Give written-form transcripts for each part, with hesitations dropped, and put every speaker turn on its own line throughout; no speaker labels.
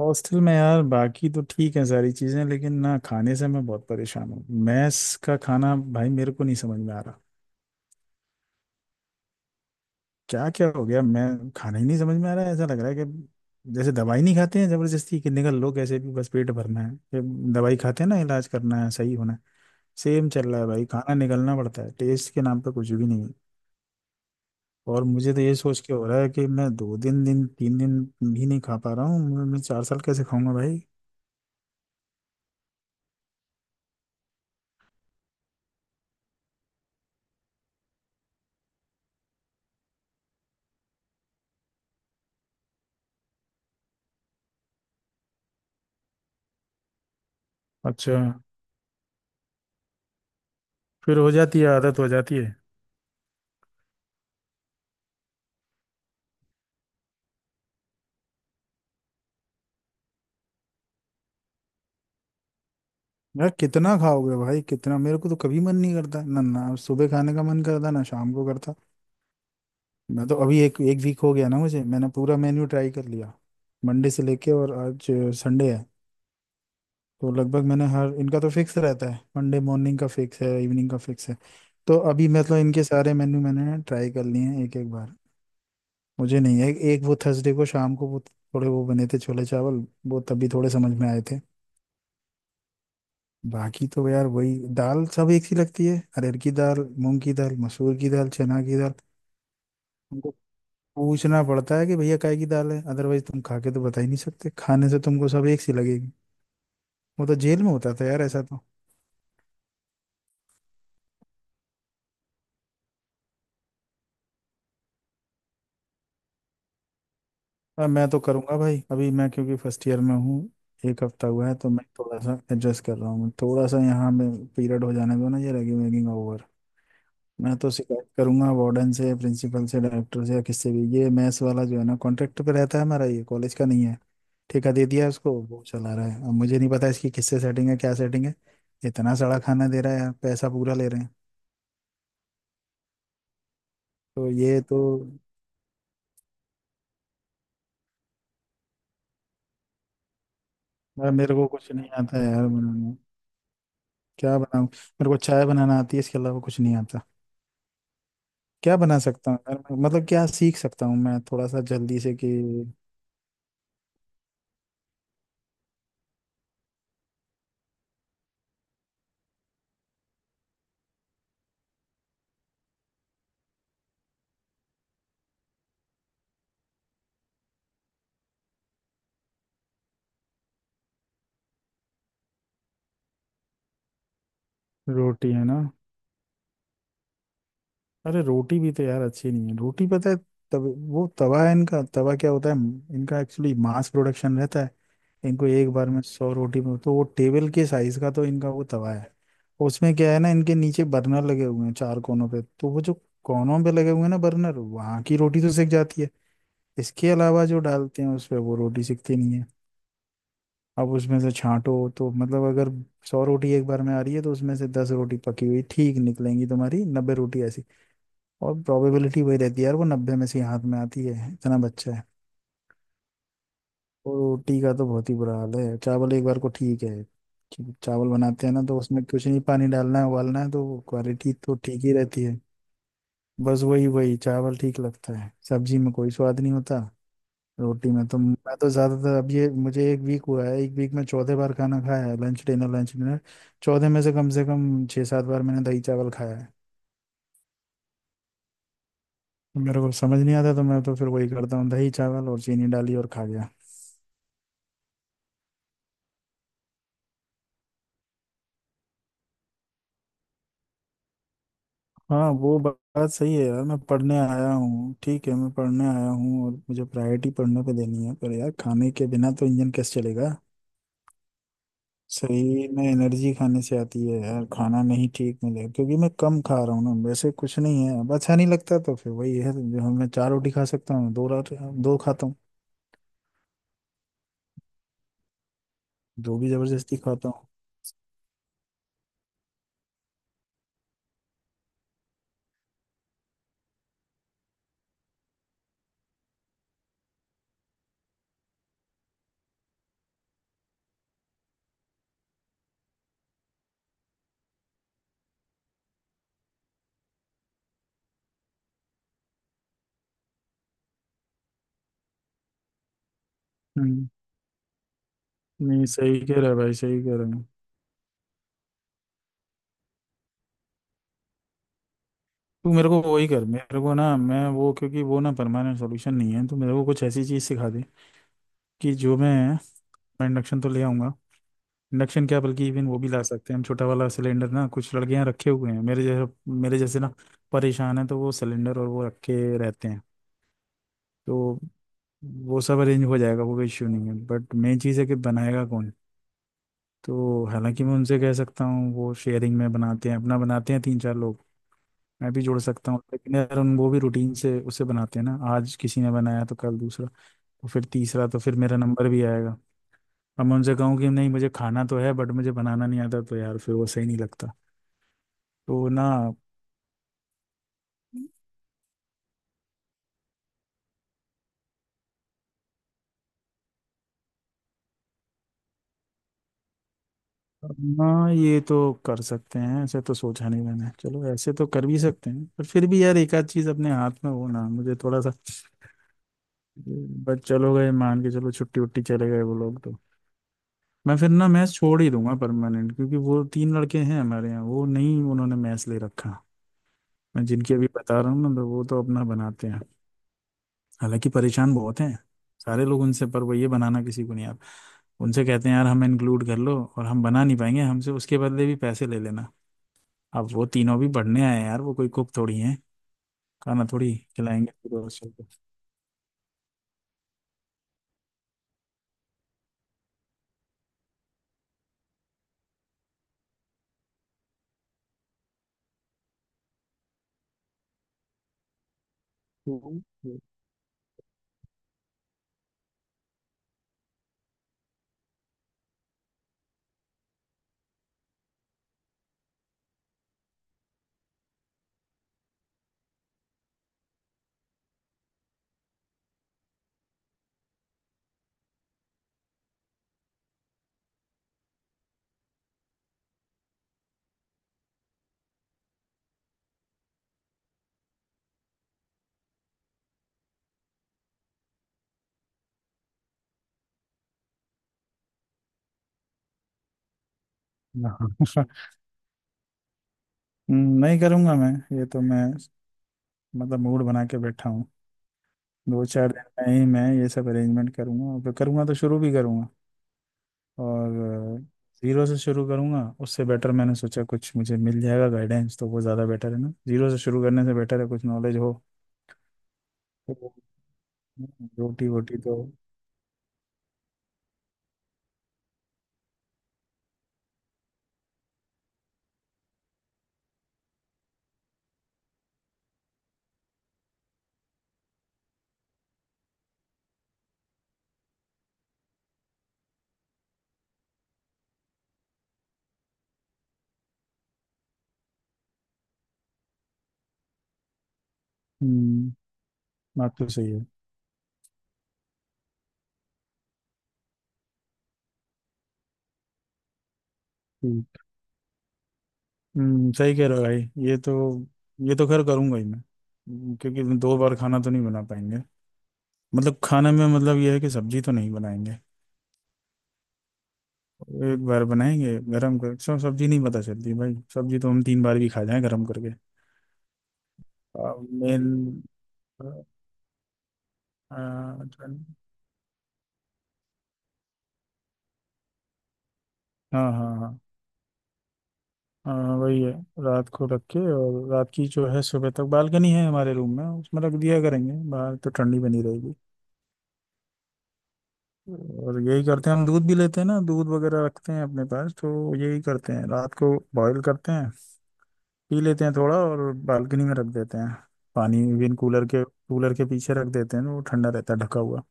Hostel में यार बाकी तो ठीक है सारी चीज़ें, लेकिन ना खाने से मैं बहुत परेशान हूँ। मैस का खाना भाई मेरे को नहीं समझ में आ रहा। क्या क्या हो गया, मैं खाना ही नहीं समझ में आ रहा है, ऐसा लग रहा है कि जैसे दवाई नहीं खाते हैं जबरदस्ती, कि निकल लो कैसे भी, बस पेट भरना है, कि दवाई खाते हैं ना इलाज करना है सही होना है। सेम चल रहा है भाई, खाना निकलना पड़ता है, टेस्ट के नाम पे कुछ भी नहीं है। और मुझे तो ये सोच के हो रहा है कि मैं 2 दिन दिन 3 दिन भी नहीं खा पा रहा हूँ, मैं 4 साल कैसे खाऊंगा भाई। अच्छा। फिर हो जाती है आदत, हो जाती है। यार कितना खाओगे भाई कितना, मेरे को तो कभी मन नहीं करता, ना ना सुबह खाने का मन करता ना शाम को करता। मैं तो अभी एक एक वीक हो गया ना मुझे, मैंने पूरा मेन्यू ट्राई कर लिया मंडे से लेके, और आज संडे है। तो लगभग मैंने हर, इनका तो फिक्स रहता है, मंडे मॉर्निंग का फिक्स है, इवनिंग का फिक्स है। तो अभी मतलब इनके सारे मेन्यू मैंने ट्राई कर लिए हैं एक एक बार। मुझे नहीं है, एक वो थर्सडे को शाम को वो थोड़े वो बने थे छोले चावल, वो तभी थोड़े समझ में आए थे। बाकी तो यार वही दाल सब एक सी लगती है, अरहर की दाल, मूंग की दाल, मसूर की दाल, चना की दाल। तुमको पूछना पड़ता है कि भैया काय की दाल है, अदरवाइज तुम खा के तो बता ही नहीं सकते, खाने से तुमको सब एक सी लगेगी। वो तो जेल में होता था यार ऐसा तो। अब मैं तो करूंगा भाई, अभी मैं क्योंकि फर्स्ट ईयर में हूँ, एक हफ्ता हुआ है, तो मैं थोड़ा सा एडजस्ट कर रहा हूँ थोड़ा सा, यहाँ में पीरियड हो जाने दो ना, ये रैगिंग वैगिंग ओवर। मैं तो शिकायत करूंगा वार्डन से, प्रिंसिपल से, डायरेक्टर से, या किससे भी। ये मैथ्स वाला जो है ना कॉन्ट्रैक्ट पे रहता है, हमारा ये कॉलेज का नहीं है। ठेका दे दिया है उसको, वो चला रहा है। अब मुझे नहीं पता इसकी किससे सेटिंग है, क्या सेटिंग है। इतना सड़ा खाना दे रहा है यार, पैसा पूरा ले रहे हैं। तो ये तो। यार मेरे को कुछ नहीं आता है यार बनाना। क्या बनाऊं, मेरे को चाय बनाना आती है, इसके अलावा कुछ नहीं आता। क्या बना सकता हूँ यार मैं? मतलब क्या सीख सकता हूँ मैं थोड़ा सा जल्दी से, कि रोटी है ना। अरे रोटी भी तो यार अच्छी नहीं है, रोटी पता है तब। वो तवा है इनका, तवा क्या होता है इनका, एक्चुअली मास प्रोडक्शन रहता है। इनको एक बार में 100 रोटी, में तो वो टेबल के साइज का तो इनका वो तवा है। उसमें क्या है ना, इनके नीचे बर्नर लगे हुए हैं चार कोनों पे, तो वो जो कोनों पे लगे हुए हैं ना बर्नर, वहां की रोटी तो सिक जाती है। इसके अलावा जो डालते हैं उस पे वो रोटी सिकती नहीं है। अब उसमें से छांटो तो मतलब, अगर 100 रोटी एक बार में आ रही है, तो उसमें से 10 रोटी पकी हुई ठीक निकलेंगी, तुम्हारी 90 रोटी ऐसी। और प्रोबेबिलिटी वही रहती है यार, वो 90 में से ही हाथ में आती है, इतना बच्चा है। और रोटी का तो बहुत ही बुरा हाल है, चावल एक बार को ठीक है। कि चावल बनाते हैं ना तो उसमें कुछ नहीं, पानी डालना है उबालना है, तो क्वालिटी तो ठीक ही रहती है। बस वही वही चावल ठीक लगता है, सब्जी में कोई स्वाद नहीं होता। रोटी में तो मैं तो ज्यादातर, अब ये मुझे एक वीक हुआ है, एक वीक में चौथे बार खाना खाया है, लंच डिनर लंच डिनर। चौथे में से कम छः सात बार मैंने दही चावल खाया है। तो मेरे को समझ नहीं आता, तो मैं तो फिर वही करता हूँ, दही चावल और चीनी डाली और खा गया। हाँ, वो बात सही है यार, मैं पढ़ने आया हूँ ठीक है, मैं पढ़ने आया हूँ और मुझे प्रायोरिटी पढ़ने पे देनी है, पर यार खाने के बिना तो इंजन कैसे चलेगा। शरीर में एनर्जी खाने से आती है यार, खाना नहीं ठीक मिले, क्योंकि मैं कम खा रहा हूँ ना, वैसे कुछ नहीं है, अब अच्छा नहीं लगता तो फिर वही है, जो मैं 4 रोटी खा सकता हूँ, दो रात दो खाता हूँ, दो भी जबरदस्ती खाता हूँ। हम्म, नहीं सही कह रहा है भाई, सही कह रहा है। तू मेरे को वही कर, मेरे को ना मैं वो, क्योंकि वो ना परमानेंट सॉल्यूशन नहीं है, तो मेरे को कुछ ऐसी चीज सिखा दे कि जो मैं इंडक्शन तो ले आऊंगा। इंडक्शन क्या, बल्कि इवन वो भी ला सकते हैं हम, छोटा वाला सिलेंडर ना, कुछ लड़के यहाँ रखे हुए हैं मेरे जैसे, मेरे जैसे ना परेशान है, तो वो सिलेंडर और वो रखे रहते हैं। तो वो सब अरेंज हो जाएगा, वो कोई इश्यू नहीं है, बट मेन चीज़ है कि बनाएगा कौन। तो हालांकि मैं उनसे कह सकता हूँ, वो शेयरिंग में बनाते हैं, अपना बनाते हैं तीन चार लोग, मैं भी जोड़ सकता हूँ, लेकिन यार उन वो भी रूटीन से उसे बनाते हैं ना, आज किसी ने बनाया तो कल दूसरा, तो फिर तीसरा, तो फिर मेरा नंबर भी आएगा। अब मैं उनसे कहूँ कि नहीं मुझे खाना तो है, बट मुझे बनाना नहीं आता, तो यार फिर वो सही नहीं लगता। तो ना, ना ये तो कर सकते हैं, ऐसे तो सोचा नहीं मैंने, चलो ऐसे तो कर भी सकते हैं, पर फिर भी यार एक आध चीज़ अपने हाथ में हो ना, मुझे थोड़ा सा। बट चलो, गए मान के, चलो छुट्टी उट्टी चले गए वो लोग, तो मैं फिर ना मैच छोड़ ही दूंगा परमानेंट, क्योंकि वो तीन लड़के हैं हमारे यहाँ, वो नहीं उन्होंने मैच ले रखा, मैं जिनकी अभी बता रहा हूँ ना, तो वो तो अपना बनाते हैं। हालांकि परेशान बहुत हैं सारे लोग उनसे, पर वो ये बनाना किसी को नहीं आता। उनसे कहते हैं यार हमें इंक्लूड कर लो, और हम बना नहीं पाएंगे, हमसे उसके बदले भी पैसे ले लेना। अब वो तीनों भी पढ़ने आए हैं यार, वो कोई कुक थोड़ी हैं। खाना थोड़ी खिलाएंगे पूरे हॉस्टल को। हम्म। हाँ। नहीं करूंगा मैं, ये तो मैं मतलब मूड बना के बैठा हूँ। दो चार दिन में ही मैं ये सब अरेंजमेंट करूंगा, और फिर करूंगा तो शुरू भी करूंगा। और जीरो से शुरू करूंगा उससे बेटर, मैंने सोचा कुछ मुझे मिल जाएगा गाइडेंस, तो वो ज़्यादा बेटर है ना, जीरो से शुरू करने से बेटर है कुछ नॉलेज हो। तो रोटी वोटी तो। हम्म बात तो सही है। ठीक। सही कह रहे हो भाई। ये तो ये तो खैर करूंगा ही मैं, क्योंकि दो बार खाना तो नहीं बना पाएंगे। मतलब खाने में मतलब ये है कि सब्जी तो नहीं बनाएंगे, एक बार बनाएंगे गरम कर, सब सब्जी नहीं पता चलती भाई, सब्जी तो हम तीन बार भी खा जाएं गरम करके। मेन। हाँ हाँ हाँ। हाँ वही है, रात को रख के, और रात की जो है सुबह तक बालकनी है हमारे रूम में, उसमें रख दिया करेंगे, बाहर तो ठंडी बनी रहेगी। और यही करते हैं हम, दूध भी लेते हैं ना, दूध वगैरह रखते हैं अपने पास, तो यही करते हैं, रात को बॉईल करते हैं, पी लेते हैं थोड़ा और बालकनी में रख देते हैं। पानी विन कूलर के पीछे रख देते हैं, तो वो ठंडा रहता है ढका हुआ।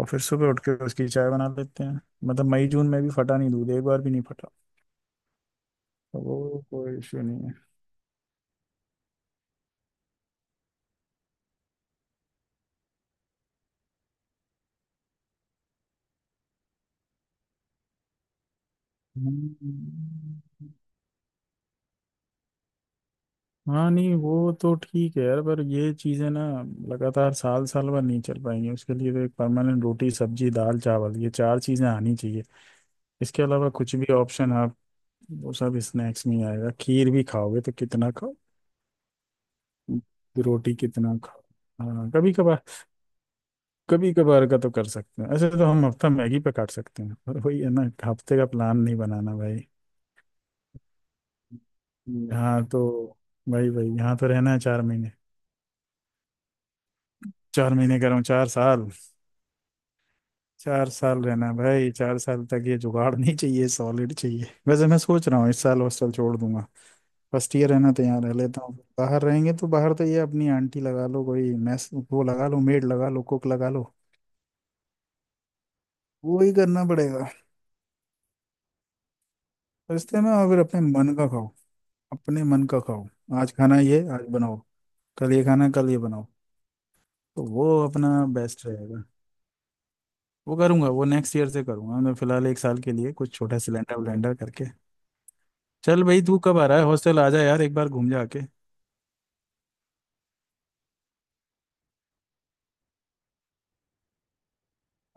और फिर सुबह उठ के उसकी चाय बना लेते हैं। मतलब मई जून में भी फटा नहीं दूध, एक बार भी नहीं फटा। तो वो कोई इशू नहीं है। हम्म, हाँ नहीं वो तो ठीक है यार, पर ये चीज़ें ना लगातार साल साल भर नहीं चल पाएंगी। उसके लिए तो एक परमानेंट रोटी सब्जी दाल चावल, ये चार चीज़ें आनी चाहिए। इसके अलावा कुछ भी ऑप्शन आप, वो सब स्नैक्स में ही आएगा। खीर भी खाओगे तो कितना खाओ, रोटी कितना खाओ। हाँ कभी कभार। कभी कभार का तो कर सकते हैं, ऐसे तो हम हफ्ता मैगी पे काट सकते हैं, पर वही है ना, हफ्ते का प्लान नहीं बनाना भाई। हाँ तो भाई भाई यहाँ तो रहना है 4 महीने, चार महीने कह रहा हूँ, 4 साल। 4 साल रहना है भाई, 4 साल तक ये जुगाड़ नहीं चाहिए, सॉलिड चाहिए। वैसे मैं सोच रहा हूँ इस साल हॉस्टल छोड़ दूंगा, फर्स्ट ईयर रहना तो यहाँ रह लेता हूँ, बाहर रहेंगे तो बाहर तो, ये अपनी आंटी लगा लो कोई, मैस वो लगा लो, मेड लगा लो, कुक लगा लो। वो ही करना पड़ेगा, रिश्ते में, और फिर अपने मन का खाओ, अपने मन का खाओ। आज खाना ये आज बनाओ, कल ये खाना कल ये बनाओ। तो वो अपना बेस्ट रहेगा। वो करूंगा, वो नेक्स्ट ईयर से करूंगा, मैं फिलहाल एक साल के लिए कुछ छोटा सिलेंडर विलेंडर करके। चल भाई तू कब आ रहा है, हॉस्टल आ जा यार, एक बार घूम जा के।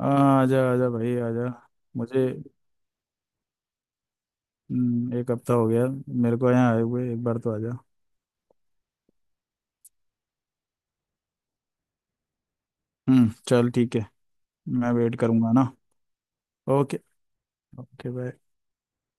हाँ आजा आजा भाई आजा। मुझे एक हफ्ता हो गया मेरे को यहाँ आए हुए, एक बार तो आजा। चल ठीक है। मैं वेट करूँगा ना। ओके। Okay bye.